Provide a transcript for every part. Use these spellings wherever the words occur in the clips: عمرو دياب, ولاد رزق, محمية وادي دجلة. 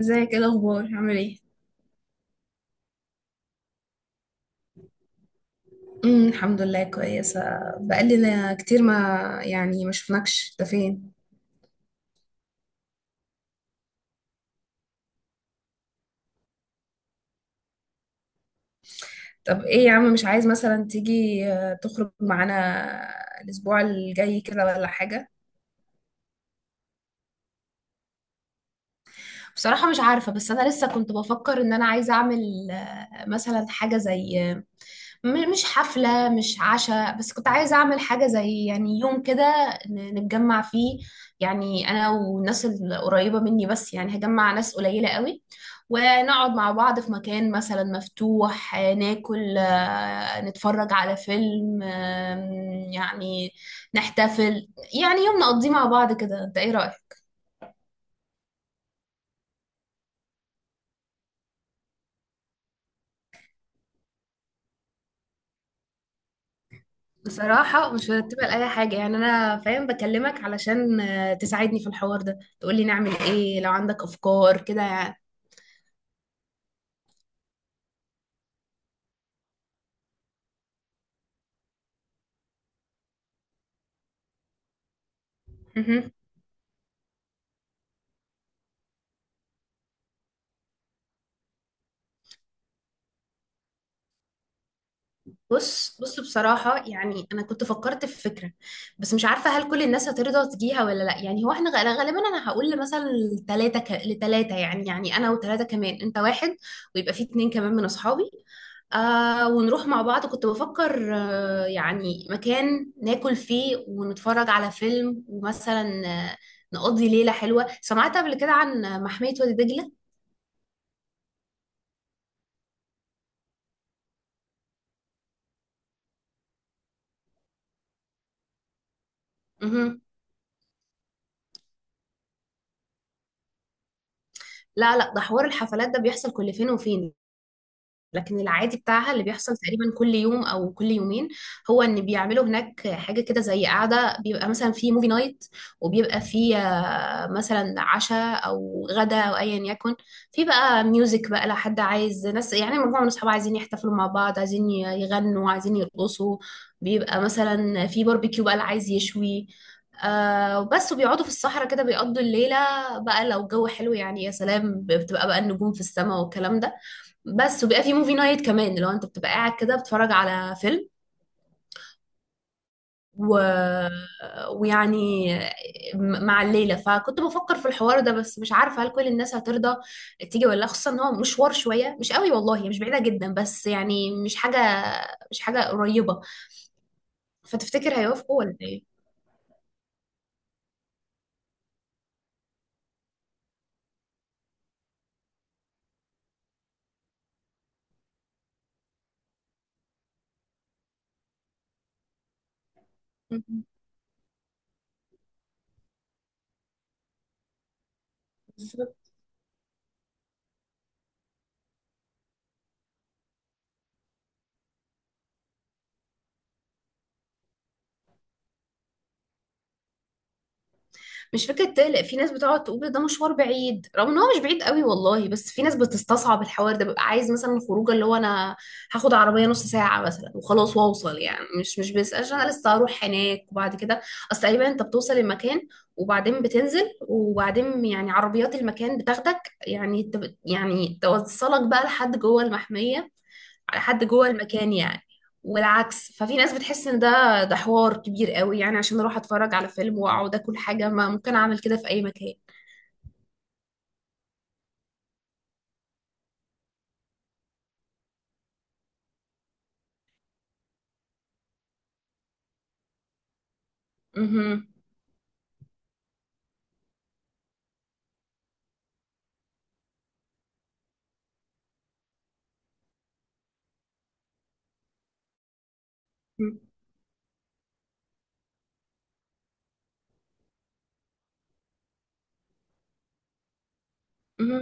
ازيك، ايه الاخبار، عامل ايه؟ الحمد لله كويسه. بقالنا كتير ما ما شفناكش، انت فين؟ طب ايه يا عم، مش عايز مثلا تيجي تخرج معانا الاسبوع الجاي كده ولا حاجه؟ بصراحة مش عارفة، بس أنا لسه كنت بفكر إن أنا عايزة أعمل مثلا حاجة زي مش حفلة، مش عشاء، بس كنت عايزة أعمل حاجة زي يعني يوم كده نتجمع فيه. يعني أنا والناس القريبة مني بس، يعني هجمع ناس قليلة قوي ونقعد مع بعض في مكان مثلا مفتوح، ناكل، نتفرج على فيلم، يعني نحتفل، يعني يوم نقضيه مع بعض كده. أنت إيه رأيك؟ بصراحة مش مرتبة لأي حاجة، يعني أنا فاهم بكلمك علشان تساعدني في الحوار ده، تقولي نعمل إيه لو عندك أفكار كده يعني. مهم. بص بصراحة، يعني أنا كنت فكرت في فكرة بس مش عارفة هل كل الناس هترضى تجيها ولا لأ. يعني هو احنا غالبا أنا هقول مثلا لتلاتة لتلاتة، يعني يعني أنا وتلاتة كمان، أنت واحد ويبقى في اتنين كمان من أصحابي. آه، ونروح مع بعض. كنت بفكر آه، يعني مكان ناكل فيه ونتفرج على فيلم، ومثلا نقضي ليلة حلوة. سمعت قبل كده عن محمية وادي دجلة؟ مهم. لا لا، ده حوار الحفلات ده بيحصل كل فين وفين، لكن العادي بتاعها اللي بيحصل تقريبا كل يوم او كل يومين هو ان بيعملوا هناك حاجه كده زي قاعده، بيبقى مثلا في موفي نايت، وبيبقى في مثلا عشاء او غدا او ايا يكن، في بقى ميوزك بقى لو حد عايز ناس، يعني مجموعه من اصحاب عايزين يحتفلوا مع بعض، عايزين يغنوا، عايزين يرقصوا، بيبقى مثلا في باربيكيو بقى اللي عايز يشوي. آه بس، وبيقعدوا في الصحراء كده بيقضوا الليلة بقى، لو الجو حلو يعني يا سلام، بتبقى بقى النجوم في السماء والكلام ده. بس، وبيبقى في موفي نايت كمان لو انت بتبقى قاعد كده بتتفرج على فيلم و... ويعني مع الليلة. فكنت بفكر في الحوار ده بس مش عارفة هل كل الناس هترضى تيجي ولا لا، خصوصا ان هو مشوار شوية مش قوي والله، هي مش بعيدة جدا بس يعني مش حاجة قريبة. فتفتكر هيوافقوا ولا ايه؟ مش فكرة تقلق، في ناس بتقعد تقول ده مشوار بعيد، رغم ان هو مش بعيد قوي والله، بس في ناس بتستصعب الحوار ده. ببقى عايز مثلا الخروجه اللي هو انا هاخد عربية نص ساعة مثلا وخلاص واوصل، يعني مش بيسألش انا لسه هروح هناك وبعد كده، اصل تقريبا انت بتوصل المكان، وبعدين بتنزل، وبعدين يعني عربيات المكان بتاخدك، يعني يعني توصلك بقى لحد جوه المحمية، حد جوه المكان يعني، والعكس. ففي ناس بتحس ان ده حوار كبير قوي، يعني عشان اروح اتفرج على فيلم واقعد اكل حاجه، ما ممكن اعمل كده في اي مكان. اها. اها.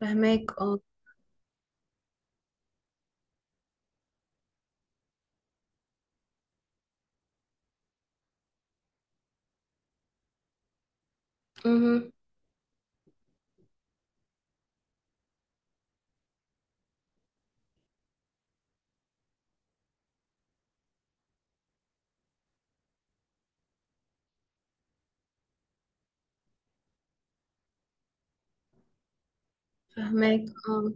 فهماك، اه. اها. فهماك، اه.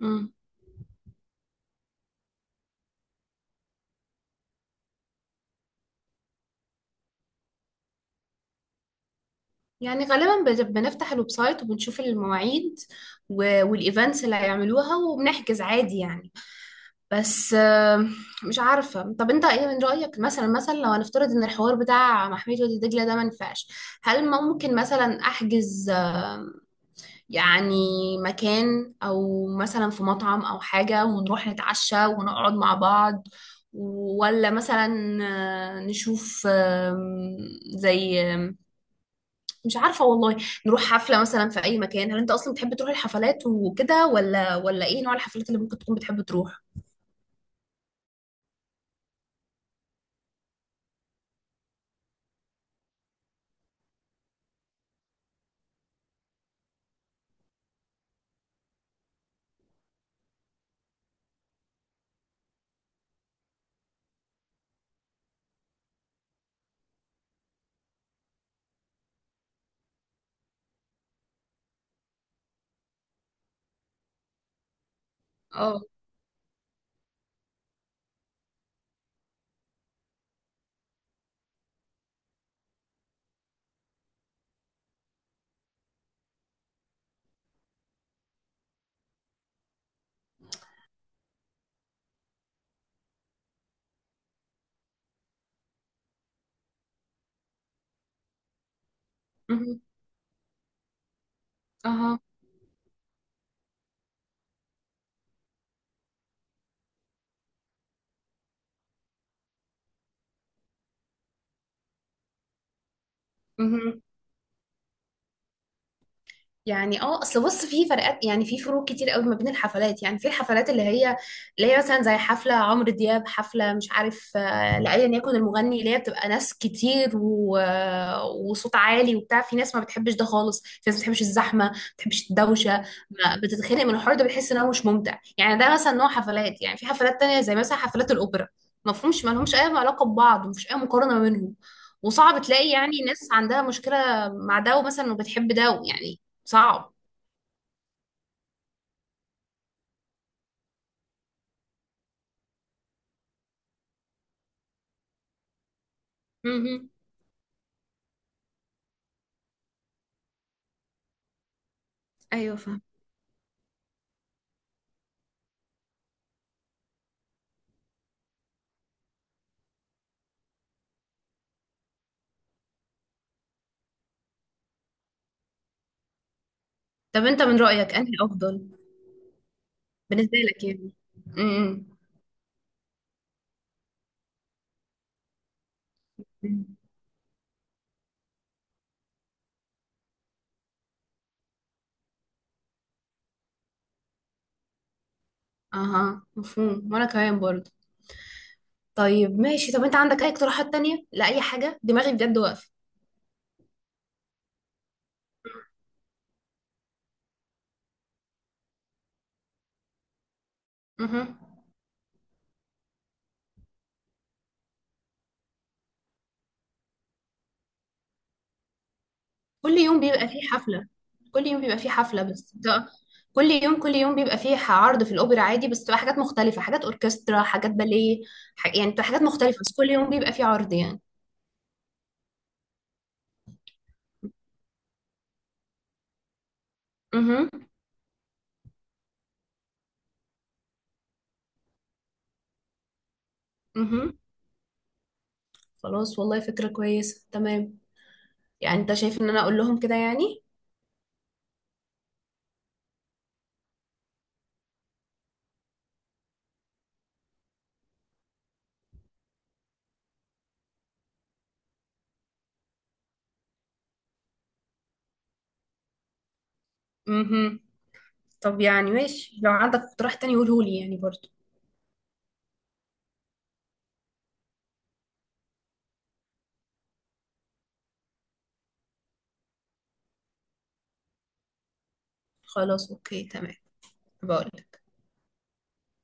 مم. يعني غالبا بنفتح الويب سايت وبنشوف المواعيد والايفنتس اللي هيعملوها، وبنحجز عادي يعني. بس مش عارفة. طب انت ايه من رأيك، مثلا لو هنفترض ان الحوار بتاع محمية وادي دجلة ده ما ينفعش، هل ممكن مثلا احجز يعني مكان، او مثلا في مطعم او حاجة، ونروح نتعشى ونقعد مع بعض؟ ولا مثلا نشوف زي مش عارفة والله، نروح حفلة مثلا في اي مكان؟ هل انت اصلا بتحب تروح الحفلات وكده ولا ايه نوع الحفلات اللي ممكن تكون بتحب تروح؟ اه. مهم. اها. مهم. يعني اه، اصل بص، في فرقات، يعني في فروق كتير قوي ما بين الحفلات. يعني في الحفلات اللي هي مثلا زي حفله عمرو دياب، حفله مش عارف لايا يكن المغني، اللي هي بتبقى ناس كتير وصوت عالي وبتاع، في ناس ما بتحبش ده خالص، في ناس ما بتحبش الزحمه، ما بتحبش الدوشه، ما بتتخنق من الحوار ده، بتحس ان هو مش ممتع يعني. ده مثلا نوع حفلات. يعني في حفلات تانية زي مثلا حفلات الاوبرا، مفهومش، ما لهمش اي علاقه ببعض، ومفيش اي مقارنه ما بينهم، وصعب تلاقي يعني ناس عندها مشكلة مع ده ومثلا وبتحب ده يعني، صعب. مهم. ايوه فاهم. طب انت من رأيك انهي افضل بالنسبة لك يعني؟ امم. اها، مفهوم. وانا كمان برضه. طيب ماشي، طب انت عندك اي اقتراحات تانية لأي حاجة؟ دماغي بجد واقفة. مهم. كل يوم بيبقى فيه حفلة، بس ده كل يوم بيبقى فيه عرض في الأوبرا عادي، بس بتبقى حاجات مختلفة، حاجات أوركسترا، حاجات باليه، يعني بتبقى حاجات مختلفة، بس كل يوم بيبقى فيه عرض يعني. اها. اها. خلاص، والله فكرة كويسة، تمام. يعني انت شايف ان انا اقول لهم كده يعني؟ امم. طب يعني ماشي، لو عندك اقتراح تاني قوله لي يعني برضو. خلاص اوكي، تمام. بقول